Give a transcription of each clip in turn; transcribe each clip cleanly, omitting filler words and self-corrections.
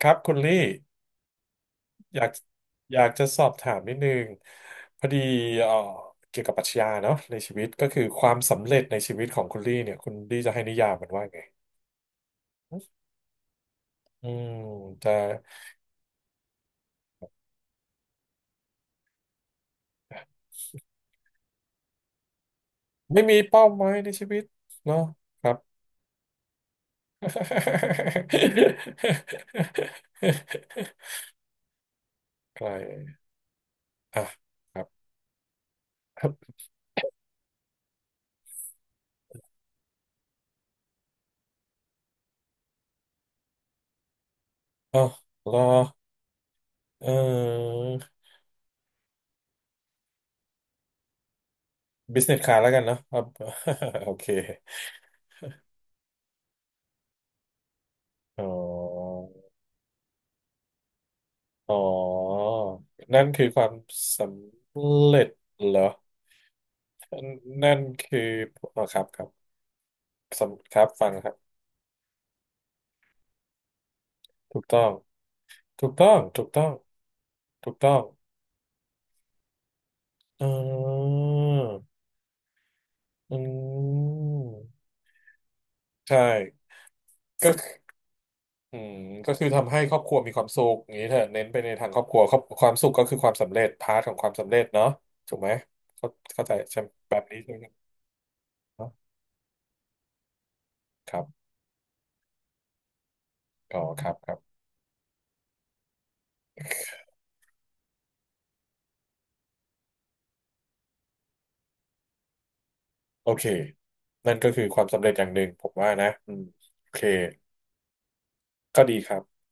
ครับคุณลี่อยากอยากจะสอบถามนิดนึงพอดีเอ่อเกี่ยวกับปรัชญาเนาะในชีวิตก็คือความสำเร็จในชีวิตของคุณลี่เนี่ยคุณลี่จะให้นิยามมันว่าไงอืมจะไม่มีเป้าหมายในชีวิตเนาะครับ ใครอ่ะครับ อ๋อรอเอ่อ business class แล้วกันเนาะครับ โอเคอ๋อ อ๋อนั่นคือความสำเร็จเหรอ นั่นคืออ๋อครับครับสำครับฟังครับถูกต้องถูกต้องถูกต้องถูกต้องอืมอืมใช่ก็คืออืมก็คือทำให้ครอบครัวมีความสุขอย่างนี้เถอะเน้นไปในทางครอบครัวครอบความสุขก็คือความสำเร็จพาร์ทของความสำเร็จเนาะถูกไหมเข้าเข้าใจใช่ไหมแบบนี้ใช่ไหมเนาะครับอ๋อครับครับ โอเค นั่นก็คือความสำเร็จอย่างหนึ่งผมว่านะอืมโอเค ก็ดีครับ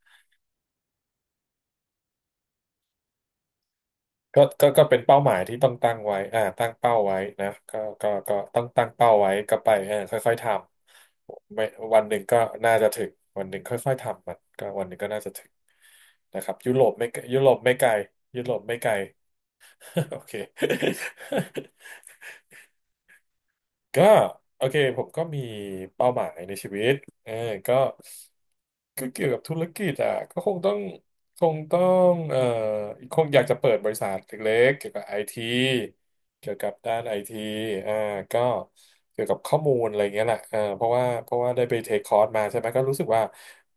ก็เป็นเป้าหมายที่ต้องตั้งไว้อ่าตั้งเป้าไว้นะก็ต้องตั้งเป้าไว้ก็ไปเออค่อยๆทำไม่วันหนึ่งก็น่าจะถึงวันหนึ่งค่อยๆทำมันก็วันหนึ่งก็น่าจะถึงนะครับยุโรปไม่ยุโรปไม่ไกลยุโรปไม่ไกล โอเค ก็โอเคผมก็มีเป้าหมายในชีวิตเออก็ก็เกี่ยวกับธุรกิจอ่ะก็คงต้องคงอยากจะเปิดบริษัทเล็กๆเกี่ยวกับไอทีเกี่ยวกับด้านไอทีอ่าก็เกี่ยวกับข้อมูลอะไรเงี้ยแหละเออเพราะว่าได้ไปเทคคอร์สมาใช่ไหมก็รู้สึกว่า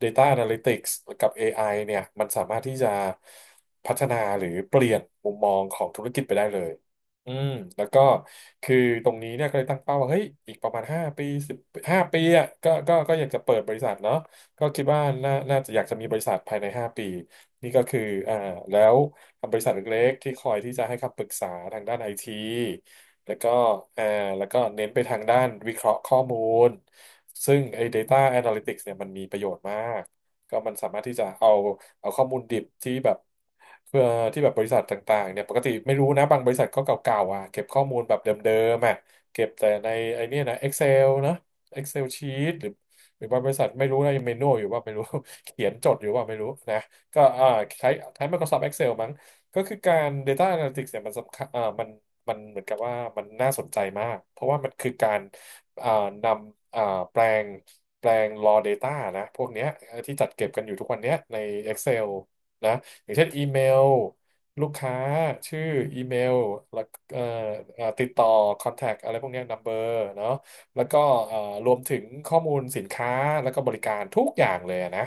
Data Analytics กับ AI เนี่ยมันสามารถที่จะพัฒนาหรือเปลี่ยนมุมมองของธุรกิจไปได้เลย อืมแล้วก็คือตรงนี้เนี่ยก็เลยตั้งเป้าว่าเฮ้ยอีกประมาณห้าปีห้าปีอ่ะก็อยากจะเปิดบริษัทเนาะก็คิดว่าน่าจะอยากจะมีบริษัทภายในห้าปีนี่ก็คืออ่าแล้วบริษัทเล็กๆที่คอยที่จะให้คำปรึกษาทางด้านไอทีแล้วก็อ่าแล้วก็เน้นไปทางด้านวิเคราะห์ข้อมูลซึ่งไอ้ data analytics เนี่ยมันมีประโยชน์มาก ก็มันสามารถที่จะเอาข้อมูลดิบที่แบบเพื่อที่แบบบริษัทต่างๆเนี่ยปกติไม่รู้นะบางบริษัทก็เก่าๆอ่ะเก็บข้อมูลแบบเดิมๆอ่ะเก็บแต่ในไอเนี่ยนะ Excel นะ Excel sheet หรือบางบริษัทไม่รู้นะยังเมนูอยู่ว่าไม่รู้ เขียนจดอยู่ว่าไม่รู้นะก็อ่าใช้ใช้ Microsoft Excel มั้งก็คือการ Data Analytics เนี่ยมันสำคัญอ่ามันเหมือนกับว่ามันน่าสนใจมากเพราะว่ามันคือการ เอ่อนำแปลงแปลง raw data นะพวกเนี้ยที่จัดเก็บกันอยู่ทุกวันเนี้ยใน Excel นะอย่างเช่นอีเมลลูกค้าชื่ออีเมลแล้วเอ่อติดต่อ contact อะไรพวกเนี้ย number เนาะแล้วก็เอ่อรวมถึงข้อมูลสินค้าแล้วก็บริการทุกอย่างเลยอะนะ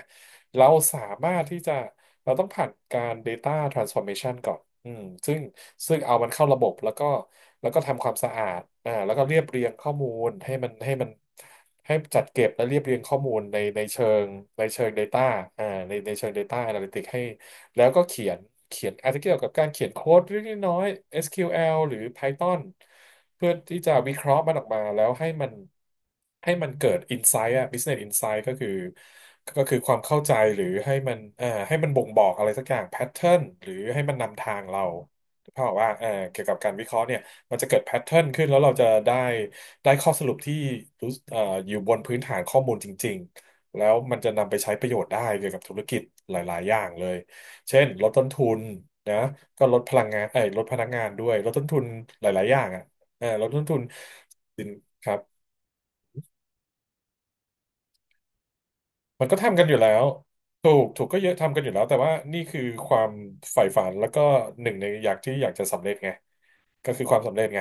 เราสามารถที่จะเราต้องผ่านการ Data Transformation ก่อนอืมซึ่งซึ่งเอามันเข้าระบบแล้วก็ทำความสะอาดอ่าแล้วก็เรียบเรียงข้อมูลให้มันให้จัดเก็บและเรียบเรียงข้อมูลในเชิงData อ่าในเชิง Data Analytics ให้แล้วก็เขียนอาจจะเกี่ยวกับการเขียนโค้ดเล็กๆน้อยๆ SQL หรือ Python เพื่อที่จะวิเคราะห์มันออกมาแล้วให้มัน เกิด insight อะ business insight ก็คือความเข้าใจหรือให้มันให้มันบ่งบอกอะไรสักอย่าง pattern หรือให้มันนำทางเราเพราะว่าเกี่ยวกับการวิเคราะห์เนี่ยมันจะเกิด pattern ขึ้นแล้วเราจะได้ข้อสรุปที่รู้อยู่บนพื้นฐานข้อมูลจริงๆแล้วมันจะนำไปใช้ประโยชน์ได้เกี่ยวกับธุรกิจหลายๆอย่างเลยเช่นลดต้นทุนนะก็ลดพลังงานเอ้ยลดพนักงานด้วยลดต้นทุนหลายๆอย่างอ่ะเออลดต้นทุนสินครับ มันก็ทำกันอยู่แล้วถูกถูกก็เยอะทำกันอยู่แล้ว แต่ว่านี่คือความใฝ่ฝันแล้วก็หนึ่งในอยากที่อยากจะสำเร็จไงก็คือความสำเร็จไง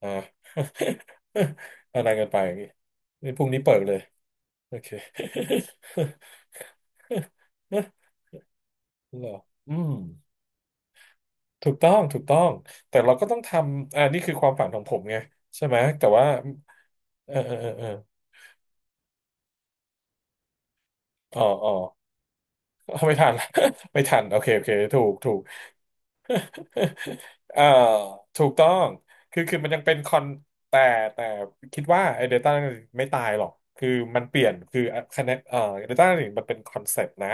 อ่า อะไรกันไปอย่างนี้นี่พรุ่งนี้เปิดเลยโอเค เหรออืมถูกต้องถูกต้อง แต่เราก็ต้องทำนี่คือความฝันของผมไงใช่ไหมแต่ว่าเออเออเออเอออ๋ออ๋อ ไม่ทันละ ไม่ทันโอเคโอเคถูก เอ่อถูกต้องคือมันยังเป็นคอนแต่แต่คิดว่าไอ้ data Analytics ไม่ตายหรอกคือมันเปลี่ยนคือคะแนนdata Analytics มันเป็นคอนเซปต์นะ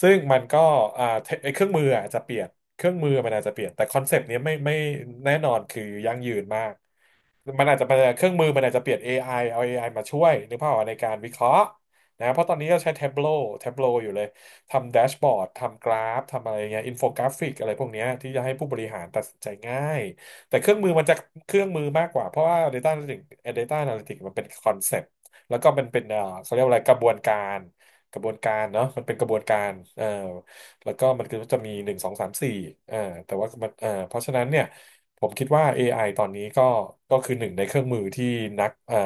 ซึ่งมันก็เทไอ้เครื่องมืออาจจะเปลี่ยนเครื่องมือมันอาจจะเปลี่ยนแต่คอนเซปต์นี้ยไม่แน่นอนคือยั่งยืนมาก มันอาจจะเป็นเครื่องมือมันอาจจะเปลี่ยน AI เอา AI มาช่วยนึกภาพออกในการวิเคราะห์นะเพราะตอนนี้ก็ใช้ Tableau Tableau อยู่เลยทำแดชบอร์ดทำกราฟทำอะไรเงี้ยอินโฟกราฟิกอะไรพวกเนี้ยที่จะให้ผู้บริหารตัดสินใจง่ายแต่เครื่องมือมันจะเครื่องมือมากกว่าเพราะว่า Data Analytics Data Analytics มันเป็นคอนเซปต์แล้วก็มันเป็นเขาเรียกว่าอะไรกระบวนการกระบวนการเนาะมันเป็นกระบวนการเอ่อแล้วก็มันก็จะมีหนึ่งสองสามสี่เอ่อแต่ว่ามันเพราะฉะนั้นเนี่ย ผมคิดว่า AI ตอนนี้ก็คือหนึ่งในเครื่องมือที่นัก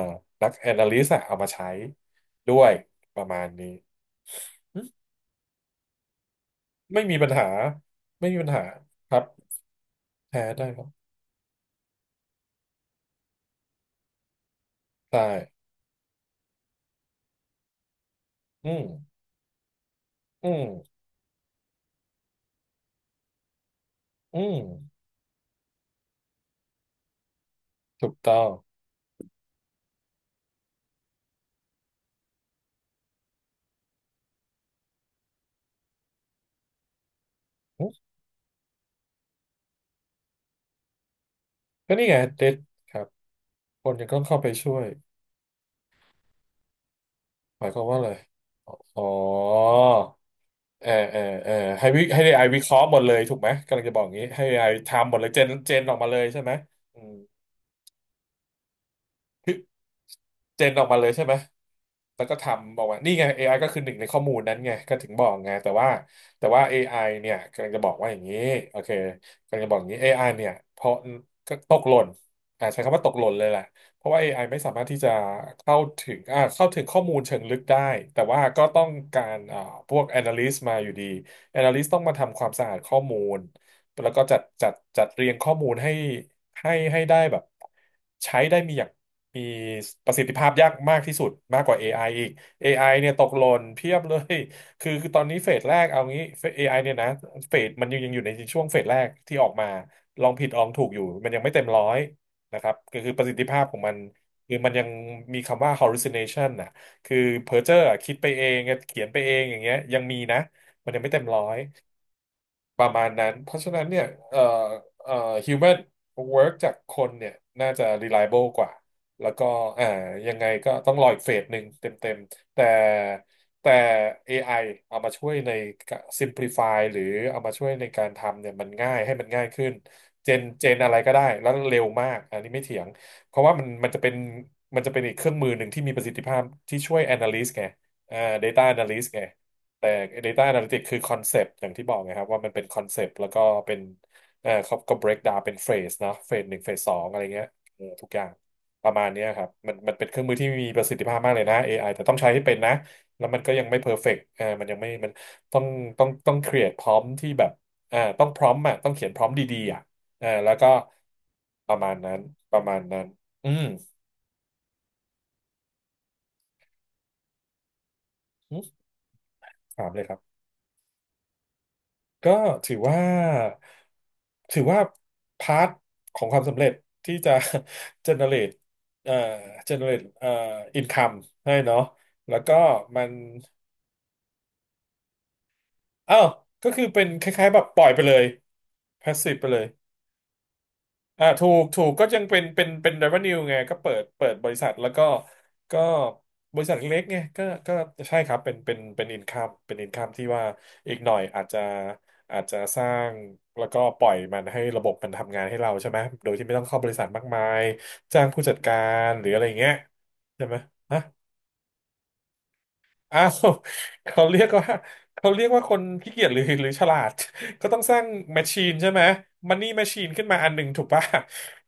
นัก Analyst อะเอามาใช้ด้วยประมาณนี้อืมไม่มีปัญหาไม่มีปัญหาครับแพ้ได้ครับได้อืมอืมอืมถูกต้องอืมก็นี่ไงเด็ดครับคนยังต้องเข้าไปช่วยหมายความว่าอะไรอ๋อเออเออเออให้วิให้ AI วิเคราะห์หมดเลยถูกไหมกำลังจะบอกอย่างนี้ให้ AI ทำหมดเลยเจนเจนออกมาเลยใช่ไหมอืม เจนออกมาเลยใช่ไหมแล้วก็ทำออกมานี่ไงเอไ i ก็คือหนึ่งในข้อมูลนั้นไงก็ถึงบอกไงแต่ว่าแต่ว่า AI เนี่ยกำลังจะบอกว่าอย่างนี้โอเคกำลังจะบอกอย่างนี้เอไอเนี่ยเพราะก็ตกหล่นใช้คำว่าตกหล่นเลยแหละเพราะว่า AI ไอไม่สามารถที่จะเข้าถึงเข้าถึงข้อมูลเชิงลึกได้แต่ว่าก็ต้องการพวก analyst มาอยู่ดี analyst ต้องมาทำความสะอาดข้อมูลแล้วก็จัดเรียงข้อมูลให้ให้ได้แบบใช้ได้มีอย่าง มีประสิทธิภาพยากมากที่สุดมากกว่า AI อไออีก AI เนี่ยตกหล่นเพียบเลย คือตอนนี้เฟสแรกเอางี้เฟส AI เนี่ยนะเฟสมันยังอยู่ในช่วงเฟสแรกที่ออกมาลองผิดลองถูกอยู่มันยังไม่เต็มร้อยนะครับก็คือประสิทธิภาพของมันคือมันยังมีคำว่า hallucination น่ะคือเพ้อเจ้ออะคิดไปเองเขียนไปเองอย่างเงี้ยยังมีนะมันยังไม่เต็มร้อย ประมาณนั้นเพราะฉะนั้นเนี่ยเอ่อเอ่อ human work จากคนเนี่ยน่าจะ reliable กว่าแล้วก็อ่ายังไงก็ต้องรออีกเฟสหนึ่งเต็มๆแต่ AI เอามาช่วยใน simplify หรือเอามาช่วยในการทำเนี่ยมันง่ายให้มันง่ายขึ้นเจนอะไรก็ได้แล้วเร็วมากอันนี้ไม่เถียงเพราะว่ามันจะเป็นมันจะเป็นอีกเครื่องมือหนึ่งที่มีประสิทธิภาพที่ช่วย analyst ไงอ่า data analyst ไง แต่ Data Analytics คือคอนเซปต์อย่างที่บอกไงครับว่ามันเป็นคอนเซปต์แล้วก็เป็นเออเขาก็ break down เป็นเฟสนะเฟสหนึ่งเฟสสองอะไรเงี้ยเออทุกอย่างประมาณเนี้ยครับมันเป็นเครื่องมือที่มีประสิทธิภาพมากเลยนะ AI แต่ต้องใช้ให้เป็นนะแล้วมันก็ยังไม่เพอร์เฟกต์เออมันยังไม่มันต้องต้อง create พร้อมที่แบบเออต้องพร้อมอ่ะต้องเขียนพร้อมดีๆอ่ะเออแล้วก็ประมาณนั้นประมาณนั้นอืมอืมถามเลยครับ ก็ถือว่าถือว่าพาร์ทของความสำเร็จที่จะ generate เอ่อ generate income ให้เนาะแล้วก็มันอ้าวก็คือเป็นคล้ายๆแบบปล่อยไปเลย passive ไปเลย ถูกถูกก็ยังเป็น revenue ไงก็เปิดบริษัทแล้วก็ก็บริษัทเล็กไงก็ใช่ครับเป็นอินคัมเป็นอินคัมที่ว่าอีกหน่อยอาจจะสร้างแล้วก็ปล่อยมันให้ระบบมันทำงานให้เราใช่ไหมโดยที่ไม่ต้องเข้าบริษัทมากมายจ้างผู้จัดการหรืออะไรอย่างเงี้ยใช่ไหมะ อ้าวเขาเรียกว่าเขาเรียกว่าคนขี้เกียจหรือฉลาดก็ต้องสร้างแมชชีนใช่ไหมมันนี่แมชชีนขึ้นมาอันหนึ่งถูกป่ะ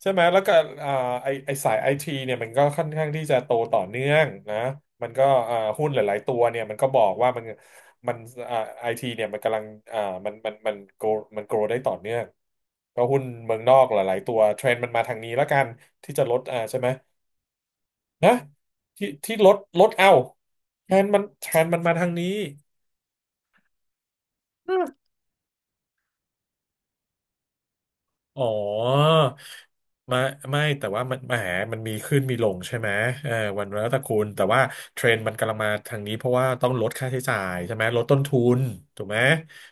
ใช่ไหมแล้วก็เอ่อไอไอสายไอทีเนี่ยมันก็ค่อนข้างที่จะโตต่อเนื่องนะมันก็หุ้นหลายๆตัวเนี่ยมันก็บอกว่ามันไอทีเนี่ยมันกำลังมันมันโกรได้ต่อเนื่องก็หุ้นเมืองนอกหลายๆตัวเทรนด์มันมาทางนี้แล้วกันที่จะลดใช่ไหม นะที่ที่รถรถเอาแทนมันมาทางนี้ อ๋อไม่ไม่แต่ว่ามันแหมมันมีขึ้นมีลงใช่ไหมเออวันแล้วแต่คุณแต่ว่าเทรนด์มันกำลังมาทางนี้เพราะว่าต้องลดค่าใช้จ่ายใช่ไหมลดต้นทุนถูกไหม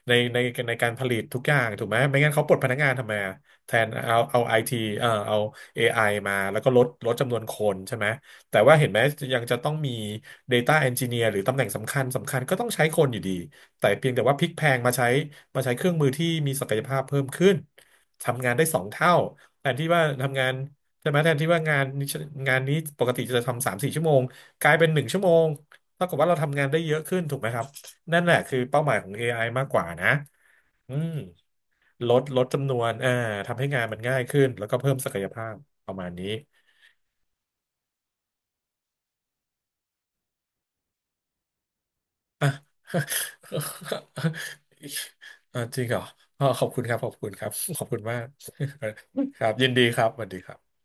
ในในการผลิตทุกอย่างถูกไหมไม่งั้นเขาปลดพนักงานทำไมอะแทนเอาไอทีเออเอา AI มาแล้วก็ลดจำนวนคนใช่ไหมแต่ว่าเห็นไหมยังจะต้องมี Data Engineer หรือตำแหน่งสำคัญสำคัญก็ต้องใช้คนอยู่ดีแต่เพียงแต่ว่าพลิกแพลงมาใช้เครื่องมือที่มีศักยภาพเพิ่มขึ้น ทำงานได้2 เท่าแทนที่ว่าทำงานใช่ไหมแทนที่ว่างานนี้ปกติจะทำ3-4 ชั่วโมงกลายเป็น1 ชั่วโมงเท่ากับว่าเราทำงานได้เยอะขึ้นถูกไหมครับนั่นแหละคือเป้าหมายของ AI มากกว่านะอืมลดจำนวนทำให้งานมันง่ายขึ้นแล้วก็เพิ่มศักยภาพประมาณนี้ อ่าจริงเหรออ๋อขอบคุณครับขอบคุณมาก ครับยินดีครับสวัสดีครับ